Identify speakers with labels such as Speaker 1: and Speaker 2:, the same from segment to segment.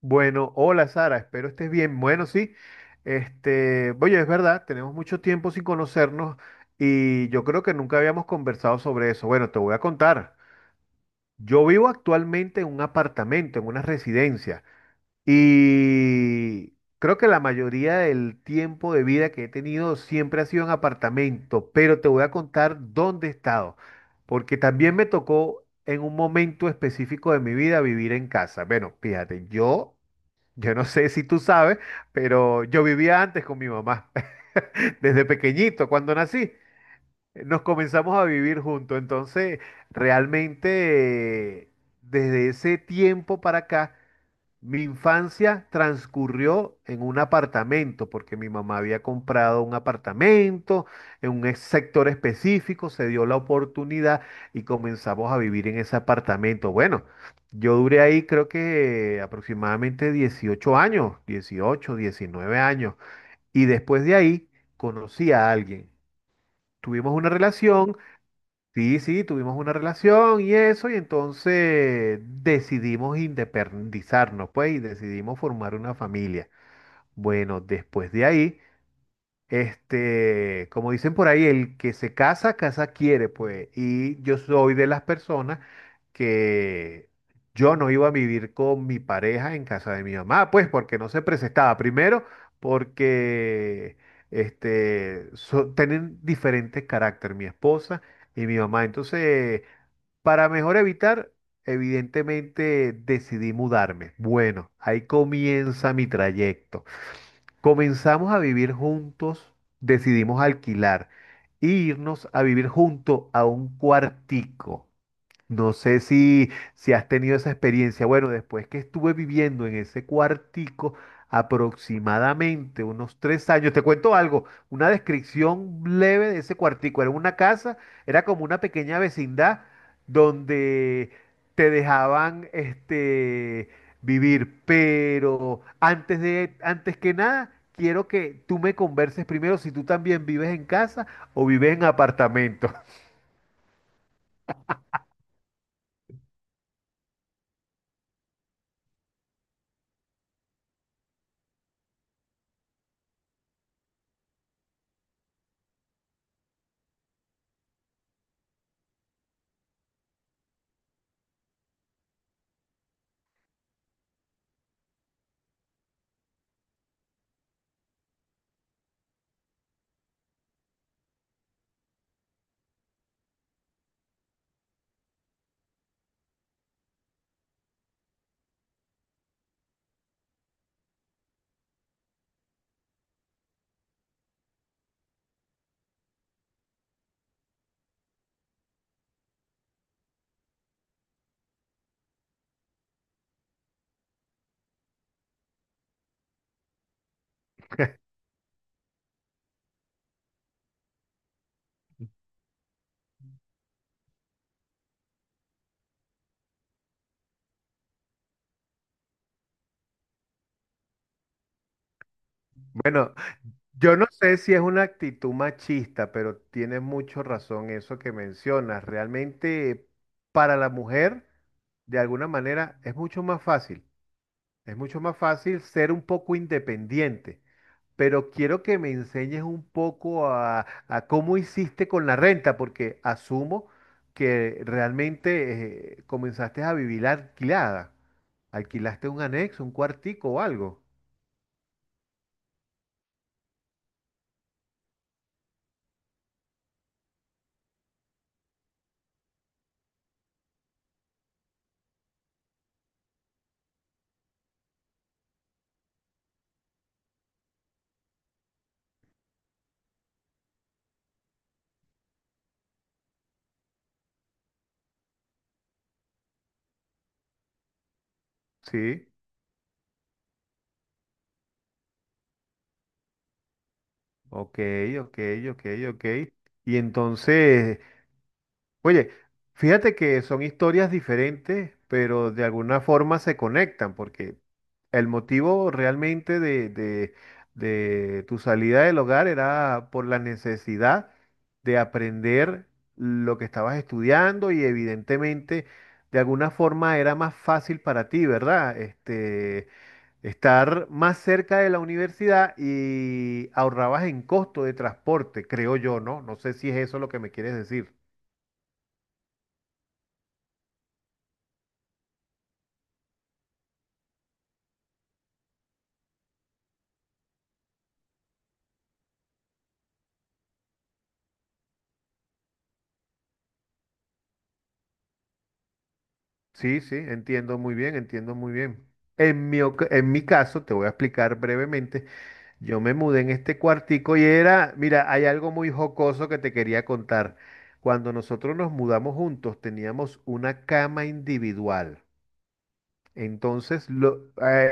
Speaker 1: Bueno, hola Sara, espero estés bien. Bueno, sí, oye, es verdad, tenemos mucho tiempo sin conocernos y yo creo que nunca habíamos conversado sobre eso. Bueno, te voy a contar. Yo vivo actualmente en un apartamento, en una residencia, y creo que la mayoría del tiempo de vida que he tenido siempre ha sido en apartamento, pero te voy a contar dónde he estado, porque también me tocó en un momento específico de mi vida vivir en casa. Bueno, fíjate, yo... Yo no sé si tú sabes, pero yo vivía antes con mi mamá. Desde pequeñito, cuando nací, nos comenzamos a vivir juntos. Entonces, realmente, desde ese tiempo para acá, mi infancia transcurrió en un apartamento, porque mi mamá había comprado un apartamento en un sector específico, se dio la oportunidad y comenzamos a vivir en ese apartamento. Bueno, yo duré ahí creo que aproximadamente 18 años, 18, 19 años, y después de ahí conocí a alguien. Tuvimos una relación. Sí, sí, tuvimos una relación y eso, y entonces decidimos independizarnos, pues, y decidimos formar una familia. Bueno, después de ahí, como dicen por ahí, el que se casa, casa quiere, pues. Y yo soy de las personas que yo no iba a vivir con mi pareja en casa de mi mamá, pues porque no se presentaba. Primero, porque tienen diferentes carácter mi esposa y mi mamá. Entonces, para mejor evitar, evidentemente decidí mudarme. Bueno, ahí comienza mi trayecto. Comenzamos a vivir juntos, decidimos alquilar e irnos a vivir junto a un cuartico. No sé si has tenido esa experiencia. Bueno, después que estuve viviendo en ese cuartico aproximadamente unos 3 años, te cuento algo, una descripción leve de ese cuartico. Era una casa, era como una pequeña vecindad donde te dejaban vivir, pero antes que nada, quiero que tú me converses primero si tú también vives en casa o vives en apartamento. Bueno, yo no sé si es una actitud machista, pero tienes mucho razón eso que mencionas. Realmente para la mujer, de alguna manera, es mucho más fácil. Es mucho más fácil ser un poco independiente. Pero quiero que me enseñes un poco a cómo hiciste con la renta, porque asumo que realmente comenzaste a vivir alquilada. Alquilaste un anexo, un cuartico o algo. Sí. Ok, ok, ok, ok. Y entonces, oye, fíjate que son historias diferentes, pero de alguna forma se conectan, porque el motivo realmente de tu salida del hogar era por la necesidad de aprender lo que estabas estudiando y evidentemente de alguna forma era más fácil para ti, ¿verdad? Estar más cerca de la universidad y ahorrabas en costo de transporte, creo yo, ¿no? No sé si es eso lo que me quieres decir. Sí, sí, entiendo muy bien, entiendo muy bien. En mi caso, te voy a explicar brevemente, yo me mudé en este cuartico y era, mira, hay algo muy jocoso que te quería contar. Cuando nosotros nos mudamos juntos, teníamos una cama individual. Entonces,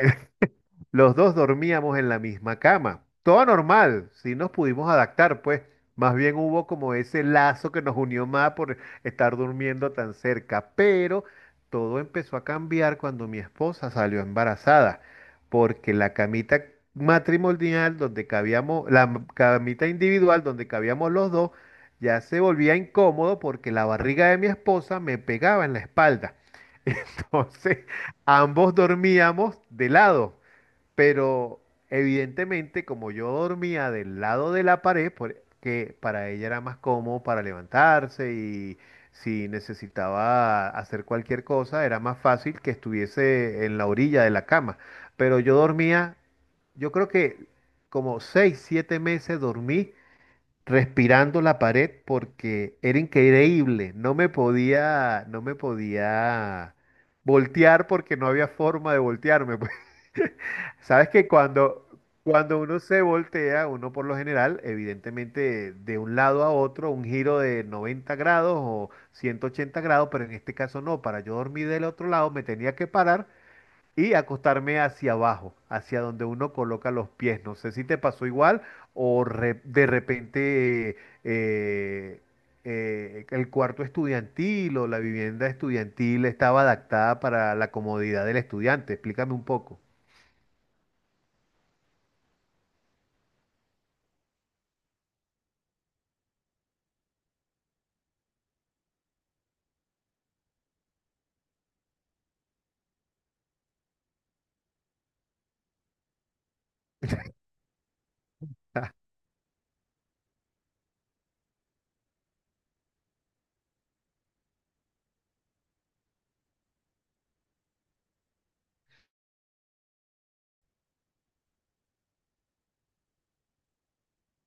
Speaker 1: Los dos dormíamos en la misma cama. Todo normal, sí nos pudimos adaptar, pues. Más bien hubo como ese lazo que nos unió más por estar durmiendo tan cerca. Pero todo empezó a cambiar cuando mi esposa salió embarazada, porque la camita matrimonial donde cabíamos, la camita individual donde cabíamos los dos, ya se volvía incómodo porque la barriga de mi esposa me pegaba en la espalda. Entonces, ambos dormíamos de lado. Pero evidentemente, como yo dormía del lado de la pared, que para ella era más cómodo para levantarse y si necesitaba hacer cualquier cosa, era más fácil que estuviese en la orilla de la cama. Pero yo dormía, yo creo que como 6, 7 meses dormí respirando la pared porque era increíble, no me podía voltear porque no había forma de voltearme. Sabes que cuando uno se voltea, uno por lo general, evidentemente de un lado a otro, un giro de 90 grados o 180 grados, pero en este caso no, para yo dormir del otro lado me tenía que parar y acostarme hacia abajo, hacia donde uno coloca los pies. No sé si te pasó igual o de repente eh, el cuarto estudiantil o la vivienda estudiantil estaba adaptada para la comodidad del estudiante. Explícame un poco.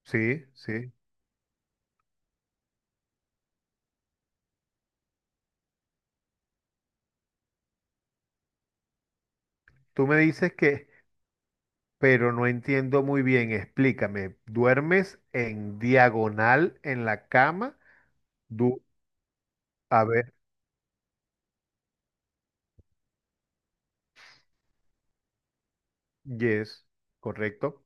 Speaker 1: Sí, sí. Tú me dices que, pero no entiendo muy bien. Explícame. ¿Duermes en diagonal en la cama? Du- a ver, yes, correcto.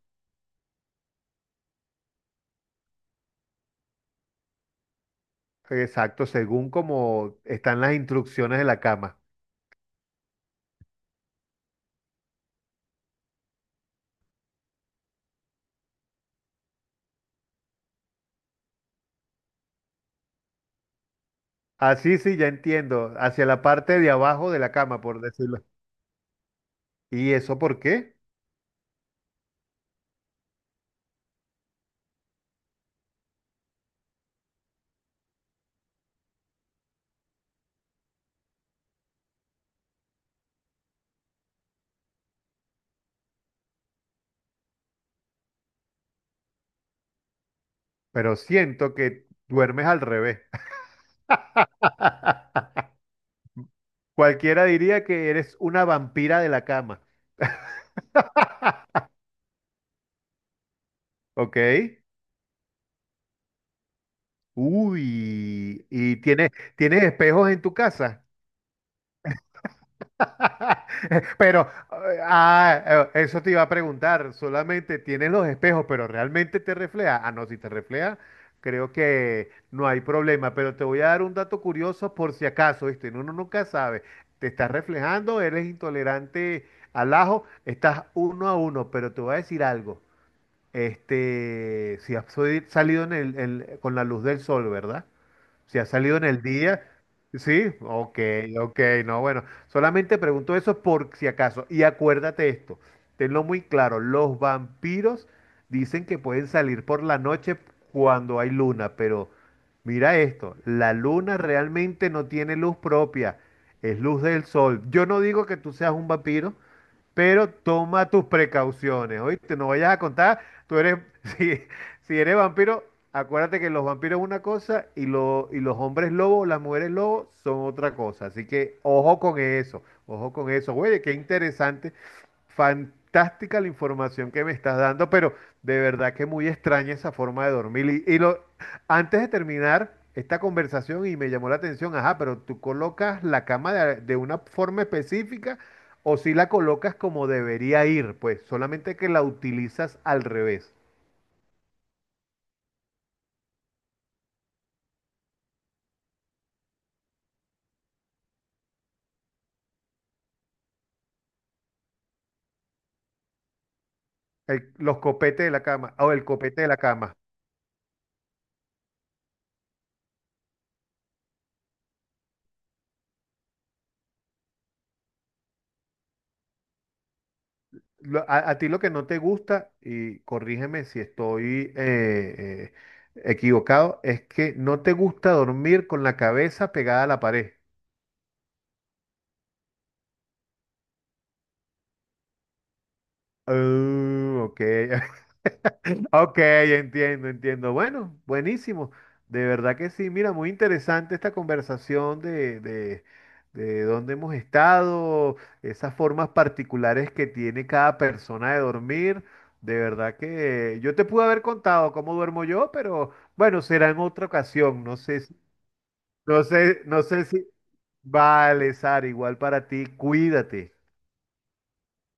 Speaker 1: Exacto, según como están las instrucciones de la cama. Así sí, sí, ya entiendo. Hacia la parte de abajo de la cama, por decirlo. ¿Y eso por qué? Pero siento que duermes al revés. Cualquiera diría que eres una vampira de la cama. ¿Ok? Uy, y tienes, tienes espejos en tu casa. Pero, eso te iba a preguntar, solamente tienes los espejos, pero realmente te refleja. Ah, no, si te refleja, creo que no hay problema, pero te voy a dar un dato curioso por si acaso, ¿viste? Uno nunca sabe. Te estás reflejando, eres intolerante al ajo, estás uno a uno, pero te voy a decir algo. Si has salido con la luz del sol, ¿verdad? Si ha salido en el día, sí, ok, ok, no, bueno, solamente pregunto eso por si acaso. Y acuérdate esto, tenlo muy claro, los vampiros dicen que pueden salir por la noche cuando hay luna, pero mira esto, la luna realmente no tiene luz propia, es luz del sol. Yo no digo que tú seas un vampiro, pero toma tus precauciones, ¿oíste? No vayas a contar, tú eres, si, si eres vampiro, acuérdate que los vampiros es una cosa y, y los hombres lobos, las mujeres lobos son otra cosa, así que ojo con eso, güey, qué interesante. Fantástica la información que me estás dando, pero de verdad que muy extraña esa forma de dormir. Y antes de terminar esta conversación, y me llamó la atención, ajá, pero tú colocas la cama de una forma específica o si la colocas como debería ir, pues solamente que la utilizas al revés. Los copetes de la cama, o el copete de la cama. A ti lo que no te gusta, y corrígeme si estoy equivocado, es que no te gusta dormir con la cabeza pegada a la pared. Oh, ok. Ok, entiendo, entiendo. Bueno, buenísimo. De verdad que sí. Mira, muy interesante esta conversación de dónde hemos estado, esas formas particulares que tiene cada persona de dormir. De verdad que yo te pude haber contado cómo duermo yo, pero bueno, será en otra ocasión. No sé si. Vale, Sara, igual para ti. Cuídate.